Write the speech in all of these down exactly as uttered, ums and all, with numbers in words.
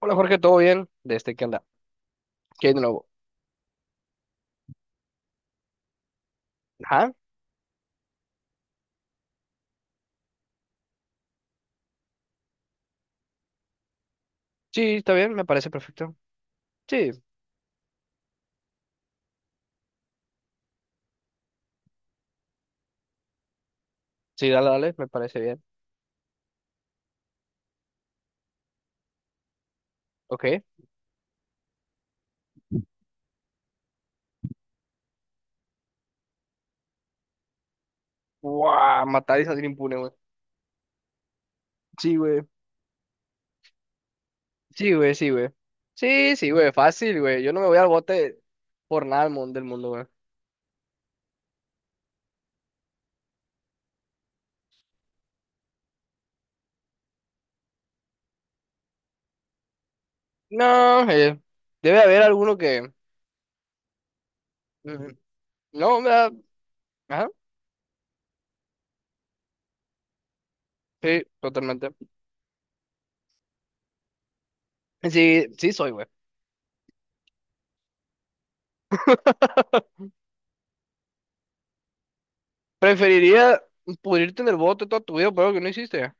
Hola Jorge, ¿todo bien? De este, ¿qué anda? ¿Qué hay de nuevo? Ajá, sí, está bien, me parece perfecto. Sí, sí, dale, dale, me parece bien. Ok. Guau, matar y salir impune, güey. Sí, güey. Sí, güey, sí, güey. Sí, sí, güey, fácil, güey. Yo no me voy al bote por nada del mun- del mundo, güey. No, eh, debe haber alguno que… Ujú. No, me da… Ajá, sí, totalmente. Sí, sí soy, güey. Preferiría pudrirte en el bote toda tu vida por algo que no hiciste.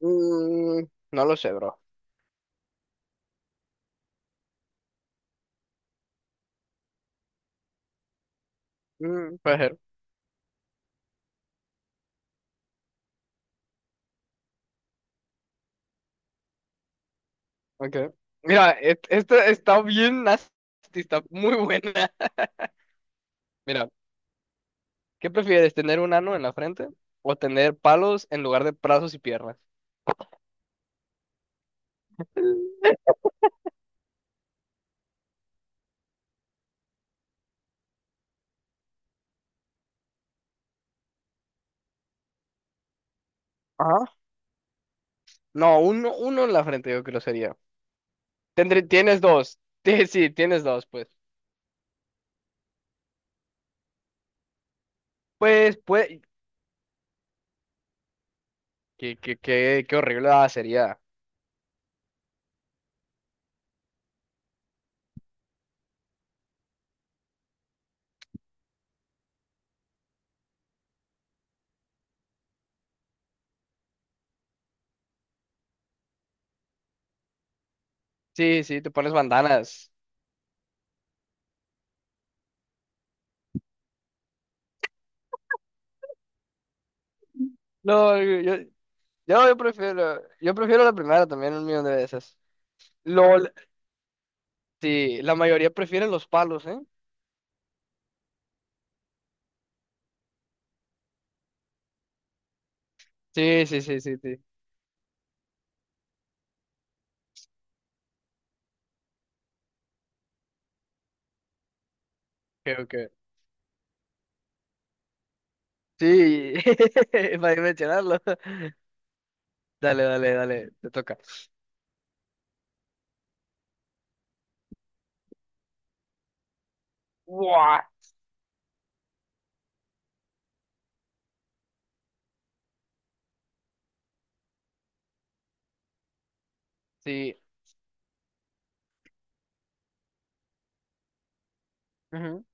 Mm, no lo sé, bro. Mm, puede ser. Okay. Mira, et- esta está bien nasty, está muy buena. Mira, ¿qué prefieres, tener un ano en la frente o tener palos en lugar de brazos y piernas? Ajá. No, uno, uno en la frente yo creo que sería. Tendré, tienes dos. Sí, sí, tienes dos, pues. Pues, pues, qué, qué, qué, qué horrible ah, sería. Sí, sí, te pones bandanas. No, yo, yo, yo yo prefiero, yo prefiero la primera también un millón de veces. LOL, sí, la mayoría prefieren los palos, ¿eh? Sí, sí, sí, sí, sí. Creo que… Sí, para mencionarlo. Dale, dale, dale, te toca. ¡Guau! Sí. Ujú,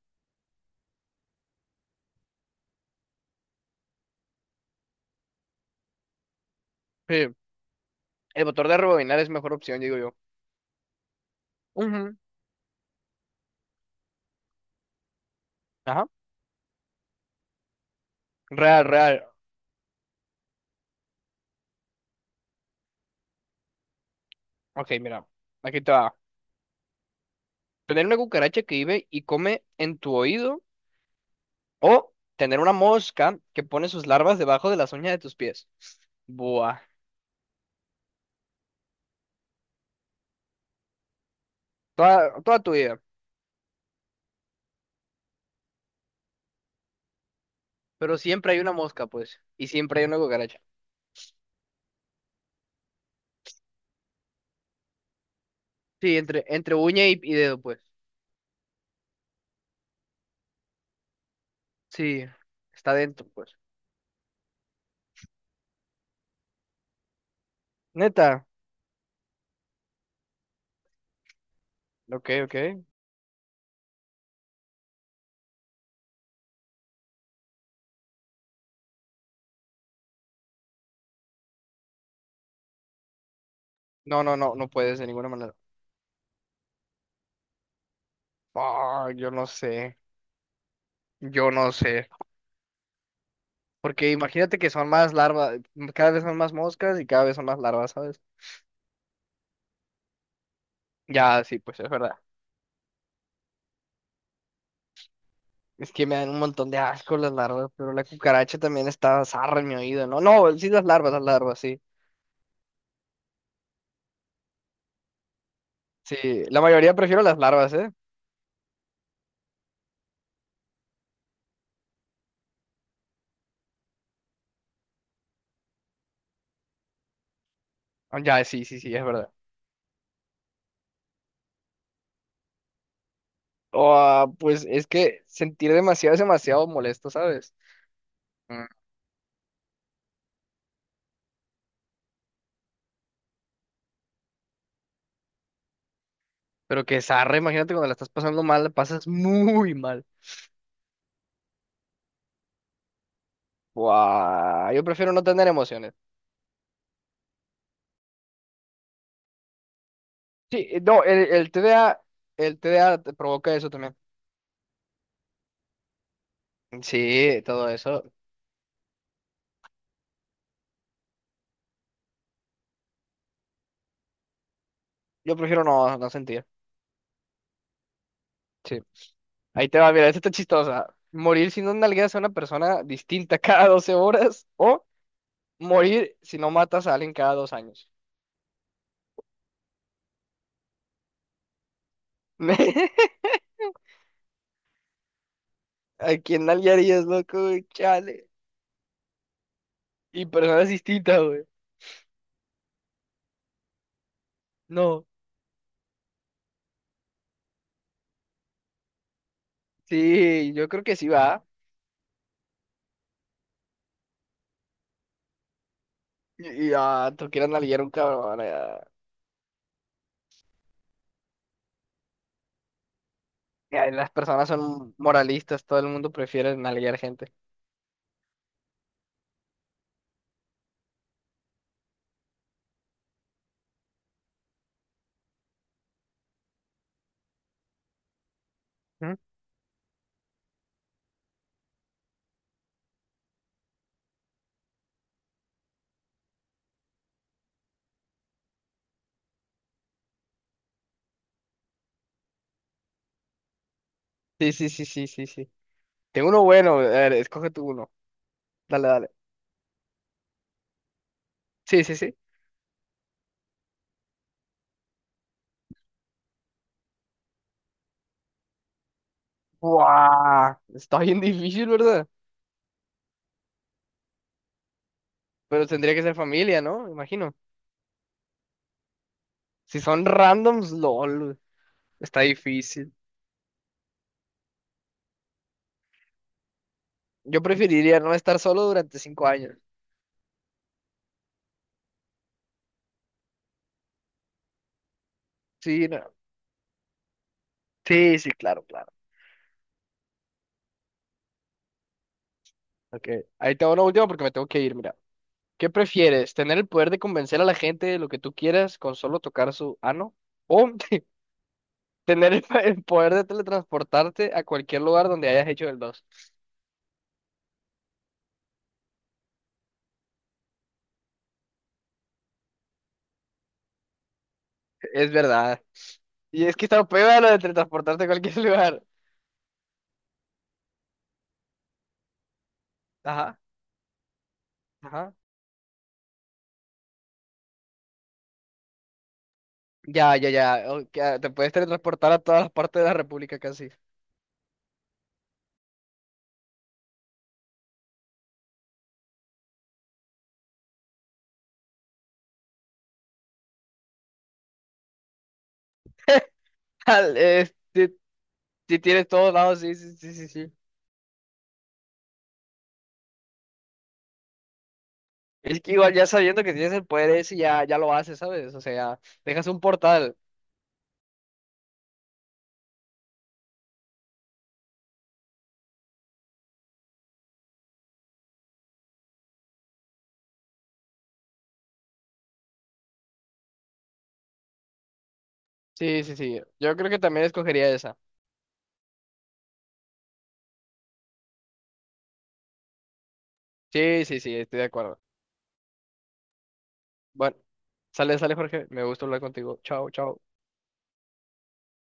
sí. El motor de rebobinar es mejor opción, digo yo. Ujú, ajá. Real, real. Ok, mira. Aquí te va. Tener una cucaracha que vive y come en tu oído o tener una mosca que pone sus larvas debajo de las uñas de tus pies. Buah. Toda, toda tu vida. Pero siempre hay una mosca, pues. Y siempre hay una cucaracha. Sí, entre, entre uña y y dedo, pues. Sí, está dentro, pues. Neta. Ok, ok. No, no, no, no puedes de ninguna manera. Ah, yo no sé. Yo no sé. Porque imagínate que son más larvas, cada vez son más moscas y cada vez son más larvas, ¿sabes? Ya, sí, pues es verdad. Es que me dan un montón de asco las larvas, pero la cucaracha también está zarra en mi oído, ¿no? No, sí, las larvas, las larvas, sí. Sí, la mayoría prefiero las larvas, ¿eh? Ah, ya, sí, sí, sí, es verdad. Ah, pues es que sentir demasiado es demasiado molesto, ¿sabes? Pero que zarra, imagínate cuando la estás pasando mal, la pasas muy mal. Buah, yo prefiero no tener emociones. Sí, eh, no, el, el T D A, el T D A te provoca eso también. Sí, todo eso. Yo prefiero no, no sentir. Sí. Ahí te va, mira, esta está chistosa. Morir si no nalgueas a una persona distinta cada doce horas o morir si no matas a alguien cada dos años. ¿A quién nalguearías, loco? ¿Güey? Chale. Y personas distintas, güey. No. Sí, yo creo que sí va. Y, y, ah, tú quieres nalguear un cabrón. ah, ya, las personas son moralistas, todo el mundo prefiere nalguear gente. ¿Mm? Sí, sí, sí, sí, sí, sí. Tengo uno bueno, a ver, escoge tú uno. Dale, dale. Sí, sí, sí. ¡Buah! Está bien difícil, ¿verdad? Pero tendría que ser familia, ¿no? Me imagino. Si son randoms, lol. Está difícil. Yo preferiría no estar solo durante cinco años. Sí, no. Sí, sí, claro, claro. Ok. Ahí tengo una última porque me tengo que ir, mira. ¿Qué prefieres? ¿Tener el poder de convencer a la gente de lo que tú quieras con solo tocar su ano, o tener el, pa- el poder de teletransportarte a cualquier lugar donde hayas hecho el dos? Es verdad. Y es que está peor lo de teletransportarte a cualquier lugar. Ajá, ajá. Ya, ya, ya. Ok, ah, te puedes teletransportar a todas las partes de la República casi. Al- eh, si, si tienes todos lados, sí, sí, sí, sí, sí. Es que igual ya sabiendo que tienes el poder ese, ya, ya lo haces, ¿sabes? O sea, dejas un portal. Sí, sí, sí. Yo creo que también escogería esa. Sí, sí, sí, estoy de acuerdo. Bueno, sale, sale, Jorge. Me gusta hablar contigo. Chao, chao.